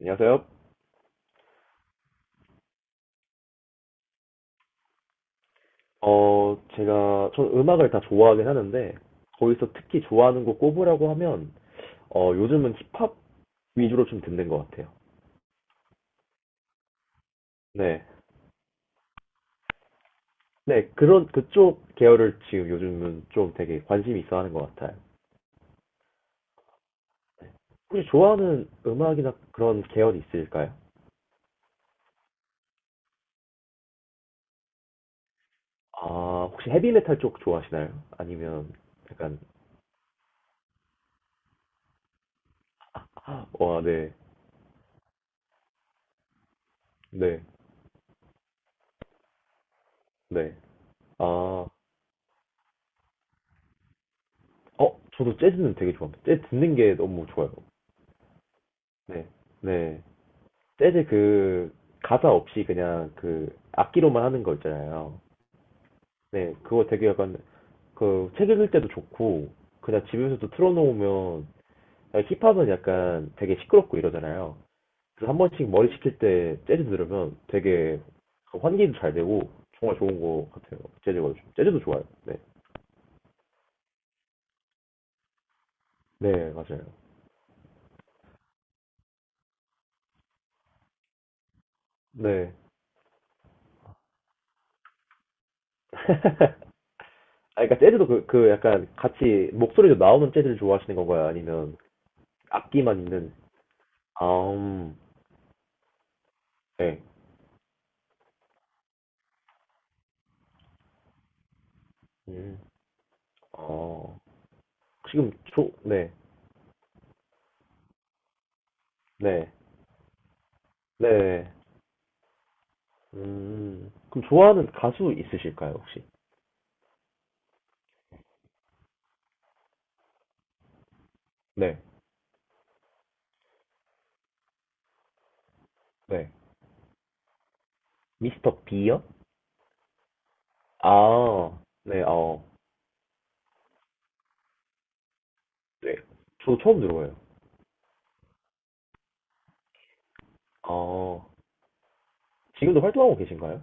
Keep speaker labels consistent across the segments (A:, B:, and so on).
A: 안녕하세요. 제가, 전 음악을 다 좋아하긴 하는데, 거기서 특히 좋아하는 곡 꼽으라고 하면, 요즘은 힙합 위주로 좀 듣는 것 같아요. 네. 네, 그런, 그쪽 계열을 지금 요즘은 좀 되게 관심이 있어 하는 것 같아요. 혹시 좋아하는 음악이나 그런 계열이 있을까요? 아, 혹시 헤비메탈 쪽 좋아하시나요? 아니면 약간, 아, 와, 네, 네, 네. 아, 어, 저도 재즈는 되게 좋아합니다. 재즈 듣는 게 너무 좋아요. 네, 네. 재즈 그 가사 없이 그냥 그 악기로만 하는 거 있잖아요. 네, 그거 되게 약간 그 책 읽을 때도 좋고 그냥 집에서도 틀어놓으면 힙합은 약간 되게 시끄럽고 이러잖아요. 그래서 한 번씩 머리 식힐 때 재즈 들으면 되게 그 환기도 잘 되고 정말 좋은 거 같아요. 재즈가 요즘. 재즈도 좋아요. 네, 네 맞아요. 네. 아, 그러니까 재즈도 그, 그 약간 같이 목소리도 나오는 재즈를 좋아하시는 건가요? 아니면 악기만 있는? 아, 네. 음. 어. 지금 조, 네. 네. 네. 음. 그럼 좋아하는 가수 있으실까요, 혹시? 네. 네. 미스터 b 요 아. 네. 어. 네. 저도 처음 들어봐요. 아. 지금도 활동하고 계신가요?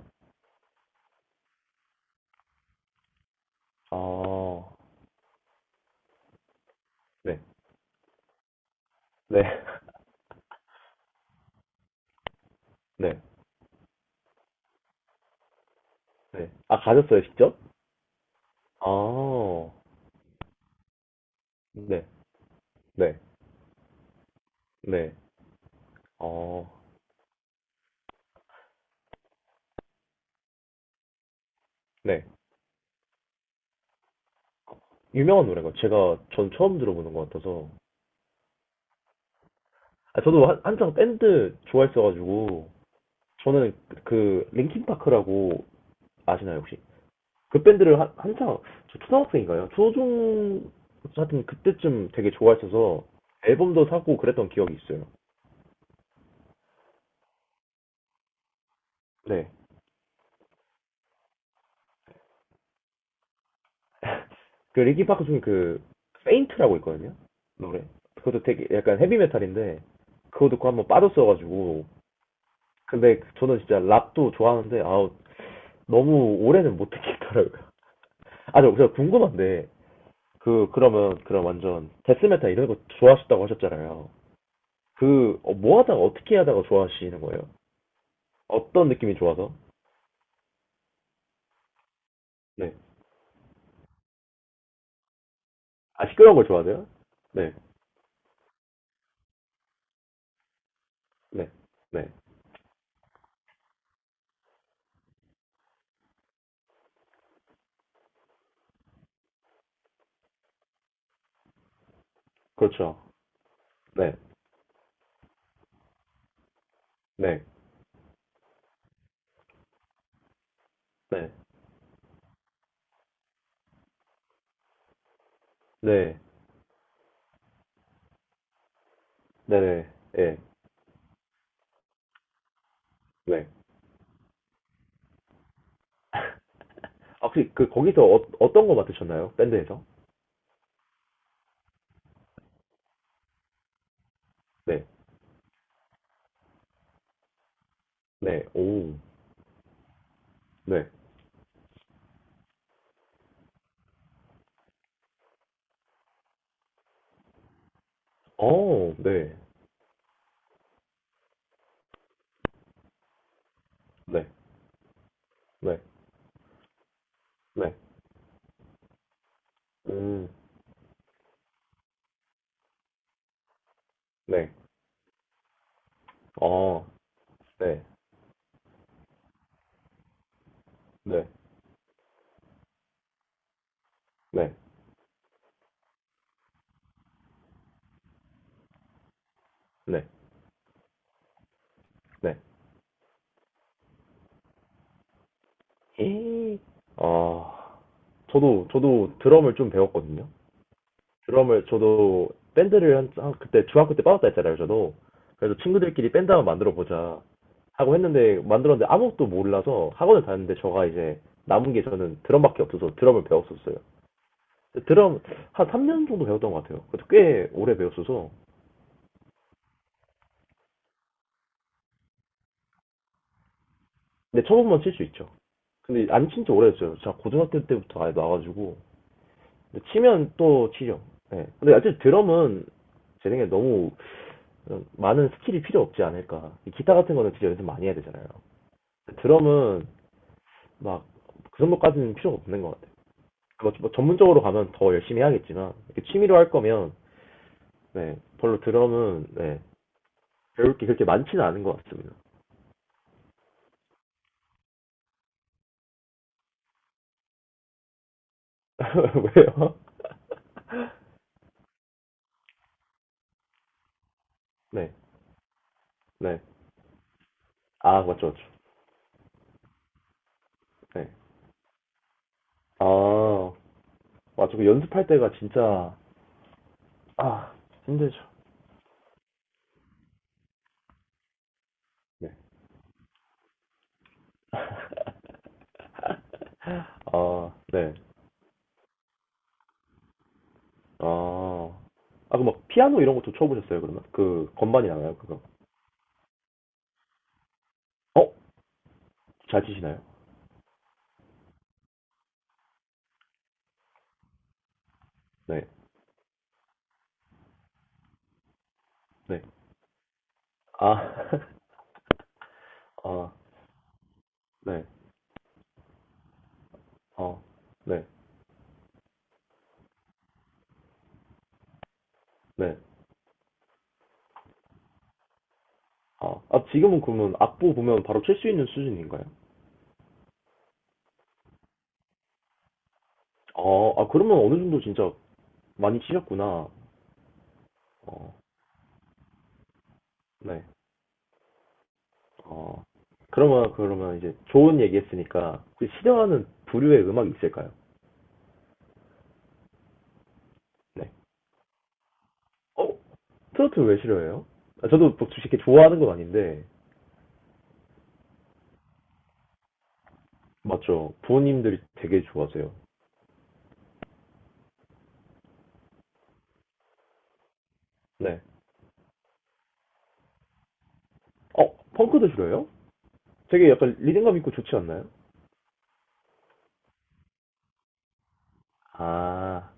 A: 아. 네. 네. 네. 네. 아, 가셨어요, 직접? 아. 네. 네. 네. 어. 네. 유명한 노래가 제가 전 처음 들어보는 것 같아서. 아, 저도 한, 한창 밴드 좋아했어가지고 저는 그 L I N 라고 아시나요 혹시? 그 밴드를 한, 한창 저 초등학생인가요? 초중 하여튼 그때쯤 되게 좋아했어서 앨범도 사고 그랬던 기억이 있어요. 네. 그 링킨 파크 중에 그 페인트라고 있거든요. 노래. 그것도 되게 약간 헤비메탈인데 그거 듣고 한번 빠졌어가지고 근데 저는 진짜 랍도 좋아하는데 아 너무 오래는 못 듣겠더라고요. 아, 저, 저 궁금한데 그 그러면 그럼 완전 데스메타 이런 거 좋아하셨다고 하셨잖아요. 그 뭐 하다가 어떻게 하다가 좋아하시는 거예요? 어떤 느낌이 좋아서? 네. 아 시끄러운 걸 좋아하세요? 네. 네. 네. 그렇죠. 네. 네. 네. 네. 네. 네. 네. 네. 아, 혹시 그 거기서 어떤 거 맡으셨나요? 밴드에서? 네. 네. 오. 네. 어. 네. 네. 네. 네. 음. 네. 어. 네. 네. 네. 네. 네. 예. 아, 저도, 저도 드럼을 좀 배웠거든요. 드럼을, 저도 밴드를 한, 그때 중학교 때 빠졌다 했잖아요, 저도. 그래서 친구들끼리 밴드 한번 만들어 보자 하고 했는데, 만들었는데 아무것도 몰라서 학원을 다녔는데, 저가 이제 남은 게 저는 드럼밖에 없어서 드럼을 배웠었어요. 근데 드럼 한 3년 정도 배웠던 것 같아요. 그래도 꽤 오래 배웠어서. 근데 처음만 칠 수 있죠. 근데 안 친지 오래됐어요. 제가 고등학교 때부터 아예 나와가지고. 치면 또 치죠. 네. 근데 어쨌든 드럼은 제 생각에 너무 많은 스킬이 필요 없지 않을까. 기타 같은 거는 진짜 연습 많이 해야 되잖아요. 드럼은 막 그 정도까지는 필요가 없는 것 같아요. 그뭐 전문적으로 가면 더 열심히 해야겠지만 이렇게 취미로 할 거면 네, 별로 드럼은 네, 배울 게 그렇게 많지는 않은 것 같습니다. 왜요? 네, 네. 아, 맞죠, 맞죠. 네. 아, 맞죠. 그 연습할 때가 진짜, 아, 힘들죠. 네. 아, 네. 아, 아, 그 막 피아노 이런 것도 쳐보셨어요, 그러면? 그 건반이 나가요, 그거? 어? 잘 치시나요? 네, 네. 아, 아, 네, 어, 네, 네. 아, 아, 지금은 그러면 악보 보면 바로 칠 수 있는 수준인가요? 어, 아, 그러면 어느 정도 진짜 많이 치셨구나. 어, 네. 어, 그러면, 그러면 이제 좋은 얘기 했으니까, 혹시 싫어하는 부류의 음악이 있을까요? 네. 어? 트로트 왜 싫어해요? 아, 저도 뭐 이렇게 좋아하는 건 아닌데, 맞죠. 부모님들이 되게 좋아하세요. 네. 어, 펑크도 들어요? 되게 약간 리듬감 있고 좋지 않나요? 아,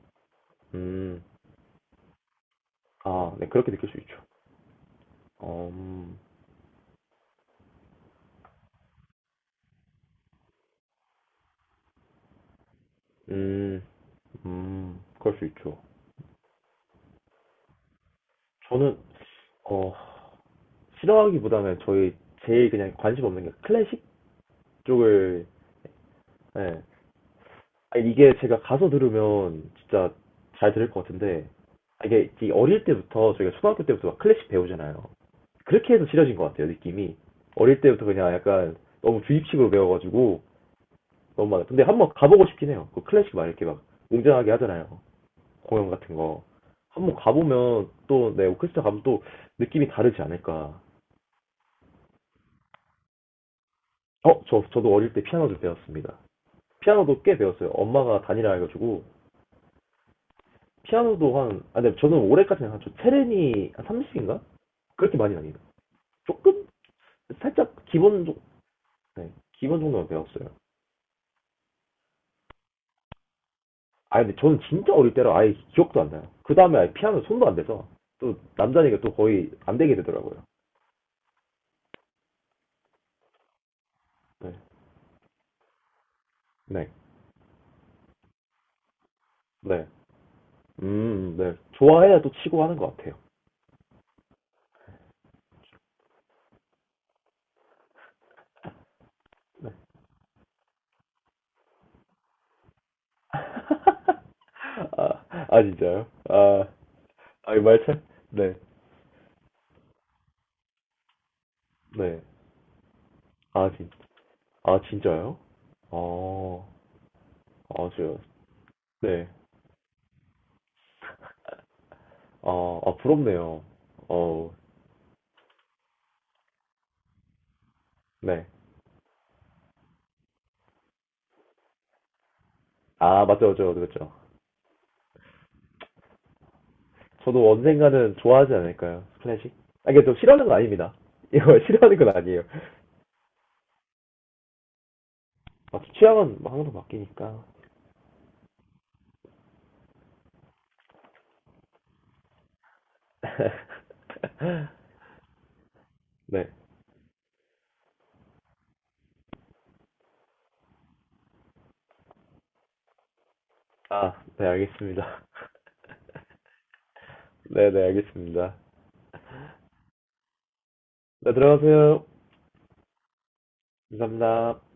A: 음, 아, 네, 그렇게 느낄 수 있죠. 어, 음, 그럴 수 있죠. 저는, 어, 싫어하기보다는 저희 제일 그냥 관심 없는 게 클래식 쪽을, 예. 아, 이게 제가 가서 들으면 진짜 잘 들을 것 같은데, 아, 이게 이 어릴 때부터 저희가 초등학교 때부터 막 클래식 배우잖아요. 그렇게 해서 싫어진 것 같아요, 느낌이. 어릴 때부터 그냥 약간 너무 주입식으로 배워가지고 너무 많아. 근데 한번 가보고 싶긴 해요. 그 클래식 막 이렇게 막 웅장하게 하잖아요. 공연 같은 거. 한번 가보면 또, 네, 오케스트라 가면 또 느낌이 다르지 않을까. 어, 저, 저도 어릴 때 피아노 좀 배웠습니다. 피아노도 꽤 배웠어요. 엄마가 다니라 해가지고. 피아노도 한, 아, 근데 저는 올해까지는 한, 저 체르니 한 30인가? 그렇게 많이 아니에요. 조금, 살짝 기본, 네, 기본 정도만 배웠어요. 아 근데 저는 진짜 어릴 때라 아예 기억도 안 나요. 그 다음에 아예 피아노 손도 안 대서 또 남자니까 또 거의 안 되게 되더라고요. 네, 네, 네, 네. 좋아해야 또 치고 하는 것 같아요. 아, 아 진짜요? 아, 아 말차? 네, 네. 아 진, 아 진짜요? 어, 아 저요. 네. 아, 아 부럽네요. 어, 네. 아 맞죠, 맞죠, 맞죠. 저도 언젠가는 좋아하지 않을까요? 클래식? 아, 이게 좀 싫어하는 건 아닙니다. 이거 싫어하는 건 아니에요. 아, 취향은 막 항상 바뀌니까. 네. 아, 네, 알겠습니다. 네, 네, 알겠습니다. 네, 들어가세요. 감사합니다.